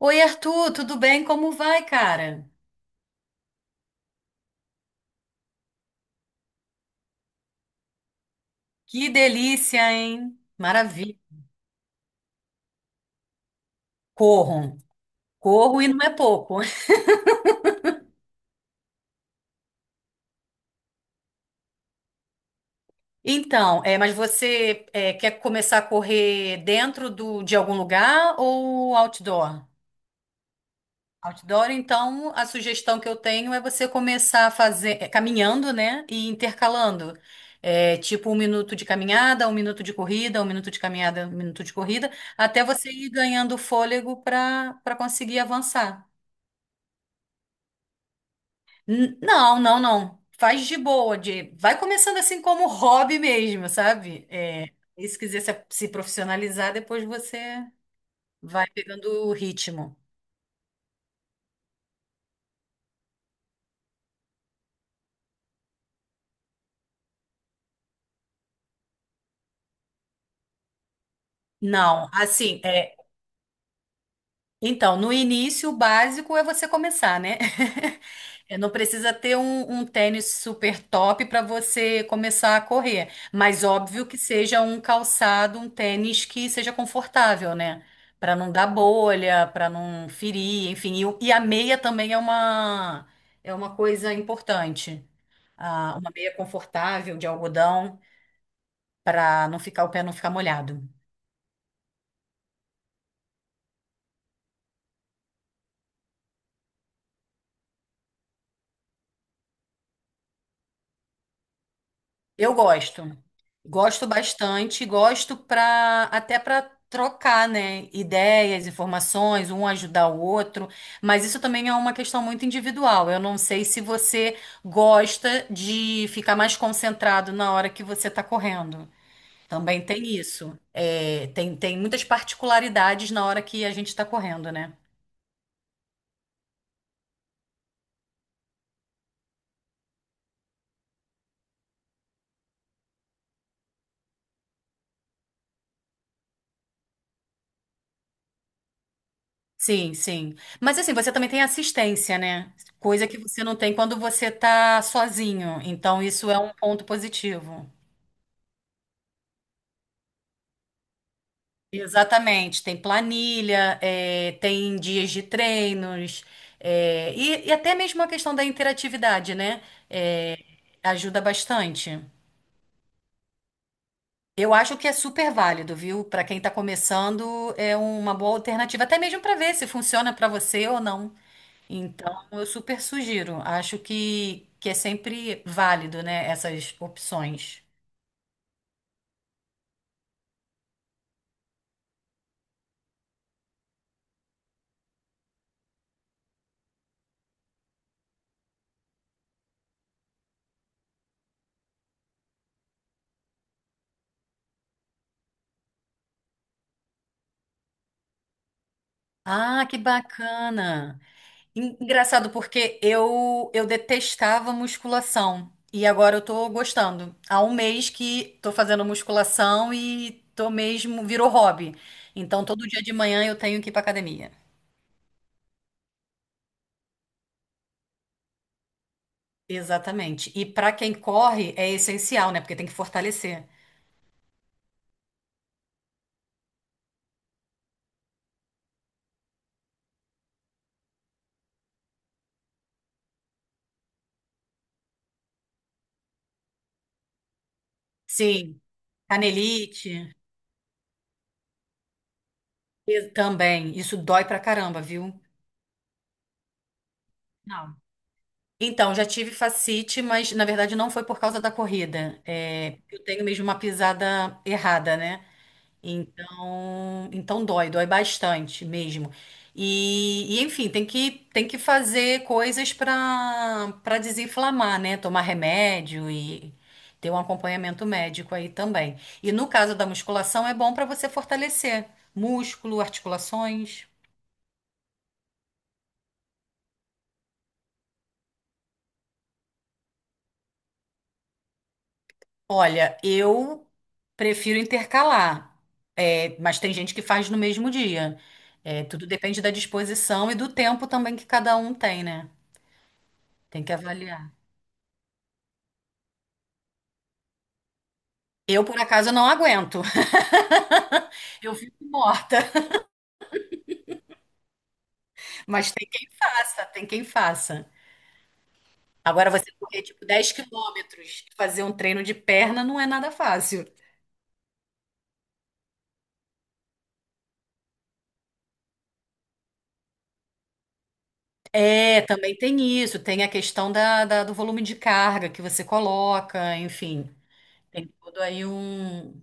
Oi, Arthur, tudo bem? Como vai, cara? Que delícia, hein? Maravilha. Corro. Corro e não é pouco. Então, é, mas você é, quer começar a correr dentro de algum lugar ou outdoor? Outdoor, então, a sugestão que eu tenho é você começar a fazer, é, caminhando, né? E intercalando. É, tipo 1 minuto de caminhada, 1 minuto de corrida, 1 minuto de caminhada, um minuto de corrida, até você ir ganhando fôlego para conseguir avançar. Não, não, não. Faz de boa, vai começando assim como hobby mesmo, sabe? É, e se quiser se profissionalizar, depois você vai pegando o ritmo. Não, assim, é... então, no início, o básico é você começar, né? É, não precisa ter um tênis super top para você começar a correr, mas óbvio que seja um calçado, um tênis que seja confortável, né? Para não dar bolha, para não ferir, enfim. E, e a meia também é é uma coisa importante. Ah, uma meia confortável de algodão para não ficar o pé não ficar molhado. Eu gosto. Gosto bastante, gosto para até para trocar, né, ideias, informações, um ajudar o outro, mas isso também é uma questão muito individual. Eu não sei se você gosta de ficar mais concentrado na hora que você está correndo. Também tem isso. É, tem muitas particularidades na hora que a gente está correndo, né? Sim, sim. Mas assim, você também tem assistência, né? Coisa que você não tem quando você tá sozinho. Então, isso é um ponto positivo. Exatamente. Tem planilha, é, tem dias de treinos, é, e até mesmo a questão da interatividade, né? É, ajuda bastante. Eu acho que é super válido, viu? Para quem tá começando, é uma boa alternativa, até mesmo para ver se funciona para você ou não. Então, eu super sugiro. Acho que é sempre válido, né, essas opções. Ah, que bacana. Engraçado porque eu detestava musculação e agora eu tô gostando. Há um mês que tô fazendo musculação e tô mesmo virou hobby. Então, todo dia de manhã eu tenho que ir pra academia. Exatamente. E pra quem corre é essencial, né? Porque tem que fortalecer. Sim, canelite também. Isso dói pra caramba, viu? Não. Então, já tive facite, mas na verdade não foi por causa da corrida. É, eu tenho mesmo uma pisada errada, né? Então, então dói, dói bastante mesmo. Enfim, tem que fazer coisas para desinflamar, né? Tomar remédio e ter um acompanhamento médico aí também. E no caso da musculação, é bom para você fortalecer músculo, articulações. Olha, eu prefiro intercalar, é, mas tem gente que faz no mesmo dia. É, tudo depende da disposição e do tempo também que cada um tem, né? Tem que avaliar. Eu, por acaso, não aguento. Eu fico morta. Mas tem quem faça, tem quem faça. Agora, você correr, tipo, 10 quilômetros, fazer um treino de perna não é nada fácil. É, também tem isso. Tem a questão do volume de carga que você coloca, enfim. Tem tudo aí um,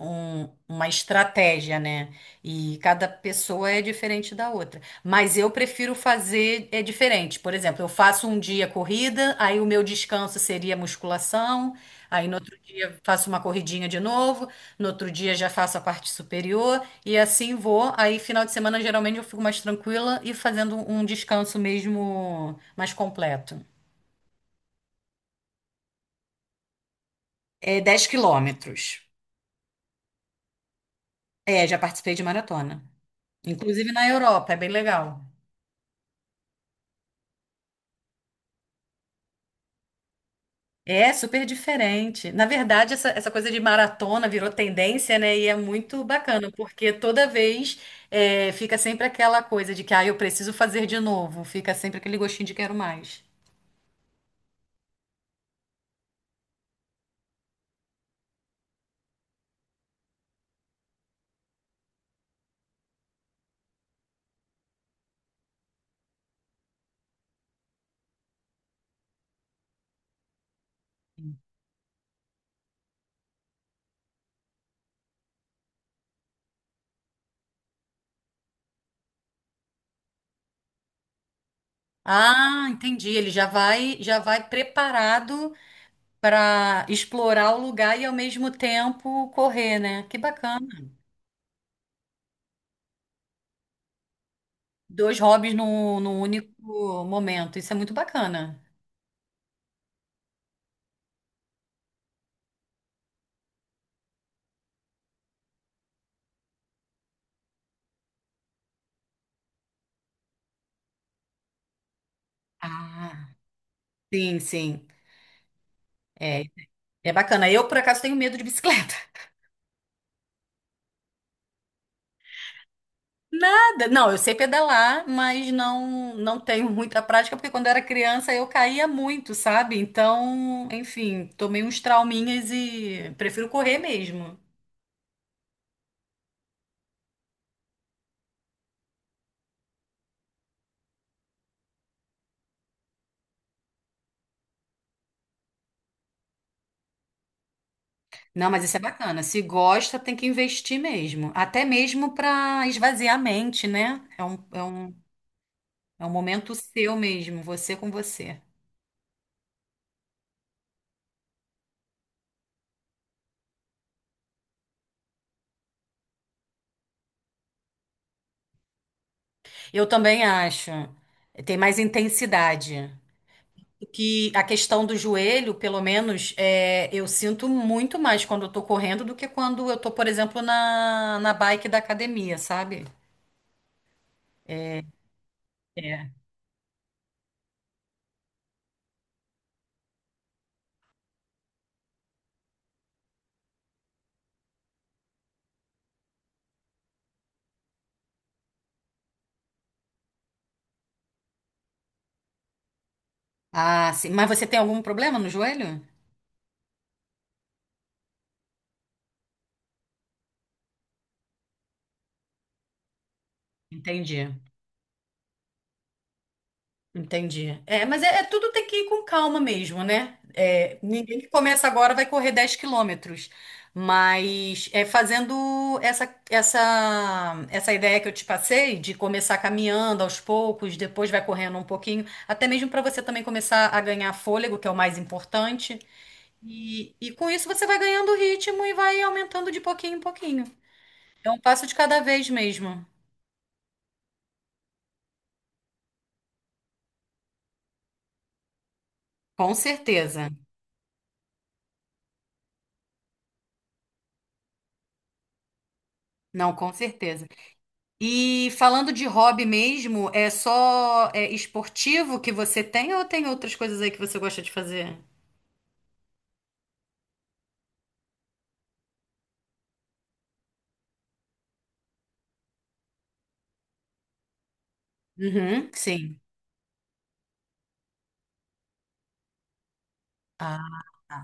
um- uma estratégia, né? E cada pessoa é diferente da outra. Mas eu prefiro fazer é diferente. Por exemplo, eu faço um dia corrida, aí o meu descanso seria musculação, aí no outro dia faço uma corridinha de novo, no outro dia já faço a parte superior e assim vou. Aí final de semana geralmente eu fico mais tranquila e fazendo um descanso mesmo mais completo. É 10 quilômetros. É, já participei de maratona. Inclusive na Europa, é bem legal. É super diferente. Na verdade, essa coisa de maratona virou tendência, né? E é muito bacana, porque toda vez é, fica sempre aquela coisa de que, ah, eu preciso fazer de novo. Fica sempre aquele gostinho de quero mais. Ah, entendi. Ele já vai preparado para explorar o lugar e ao mesmo tempo correr, né? Que bacana. Dois hobbies no único momento. Isso é muito bacana. Ah, sim, sim. É, é bacana. Eu, por acaso, tenho medo de bicicleta. Nada. Não, eu sei pedalar, mas não tenho muita prática, porque quando eu era criança eu caía muito, sabe? Então, enfim, tomei uns trauminhas e prefiro correr mesmo. Não, mas isso é bacana. Se gosta, tem que investir mesmo. Até mesmo para esvaziar a mente, né? É um momento seu mesmo, você com você. Eu também acho. Tem mais intensidade. Que a questão do joelho, pelo menos, é, eu sinto muito mais quando eu tô correndo do que quando eu tô, por exemplo, na bike da academia, sabe? É. Ah, sim. Mas você tem algum problema no joelho? Entendi. Entendi. É, mas é, é tudo tem que ir com calma mesmo, né? É, ninguém que começa agora vai correr 10 quilômetros. Mas é fazendo essa ideia que eu te passei de começar caminhando aos poucos, depois vai correndo um pouquinho, até mesmo para você também começar a ganhar fôlego, que é o mais importante. E com isso você vai ganhando ritmo e vai aumentando de pouquinho em pouquinho. É um passo de cada vez mesmo. Com certeza. Não, com certeza. E falando de hobby mesmo, é só é, esportivo que você tem ou tem outras coisas aí que você gosta de fazer? Uhum, sim. Ah, tá.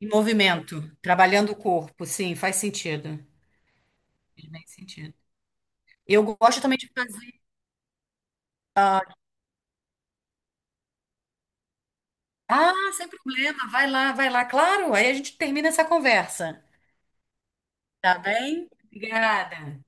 E movimento, trabalhando o corpo, sim, faz sentido. Faz bem sentido. Eu gosto também de fazer. Ah, sem problema, vai lá, claro. Aí a gente termina essa conversa. Tá bem? Obrigada.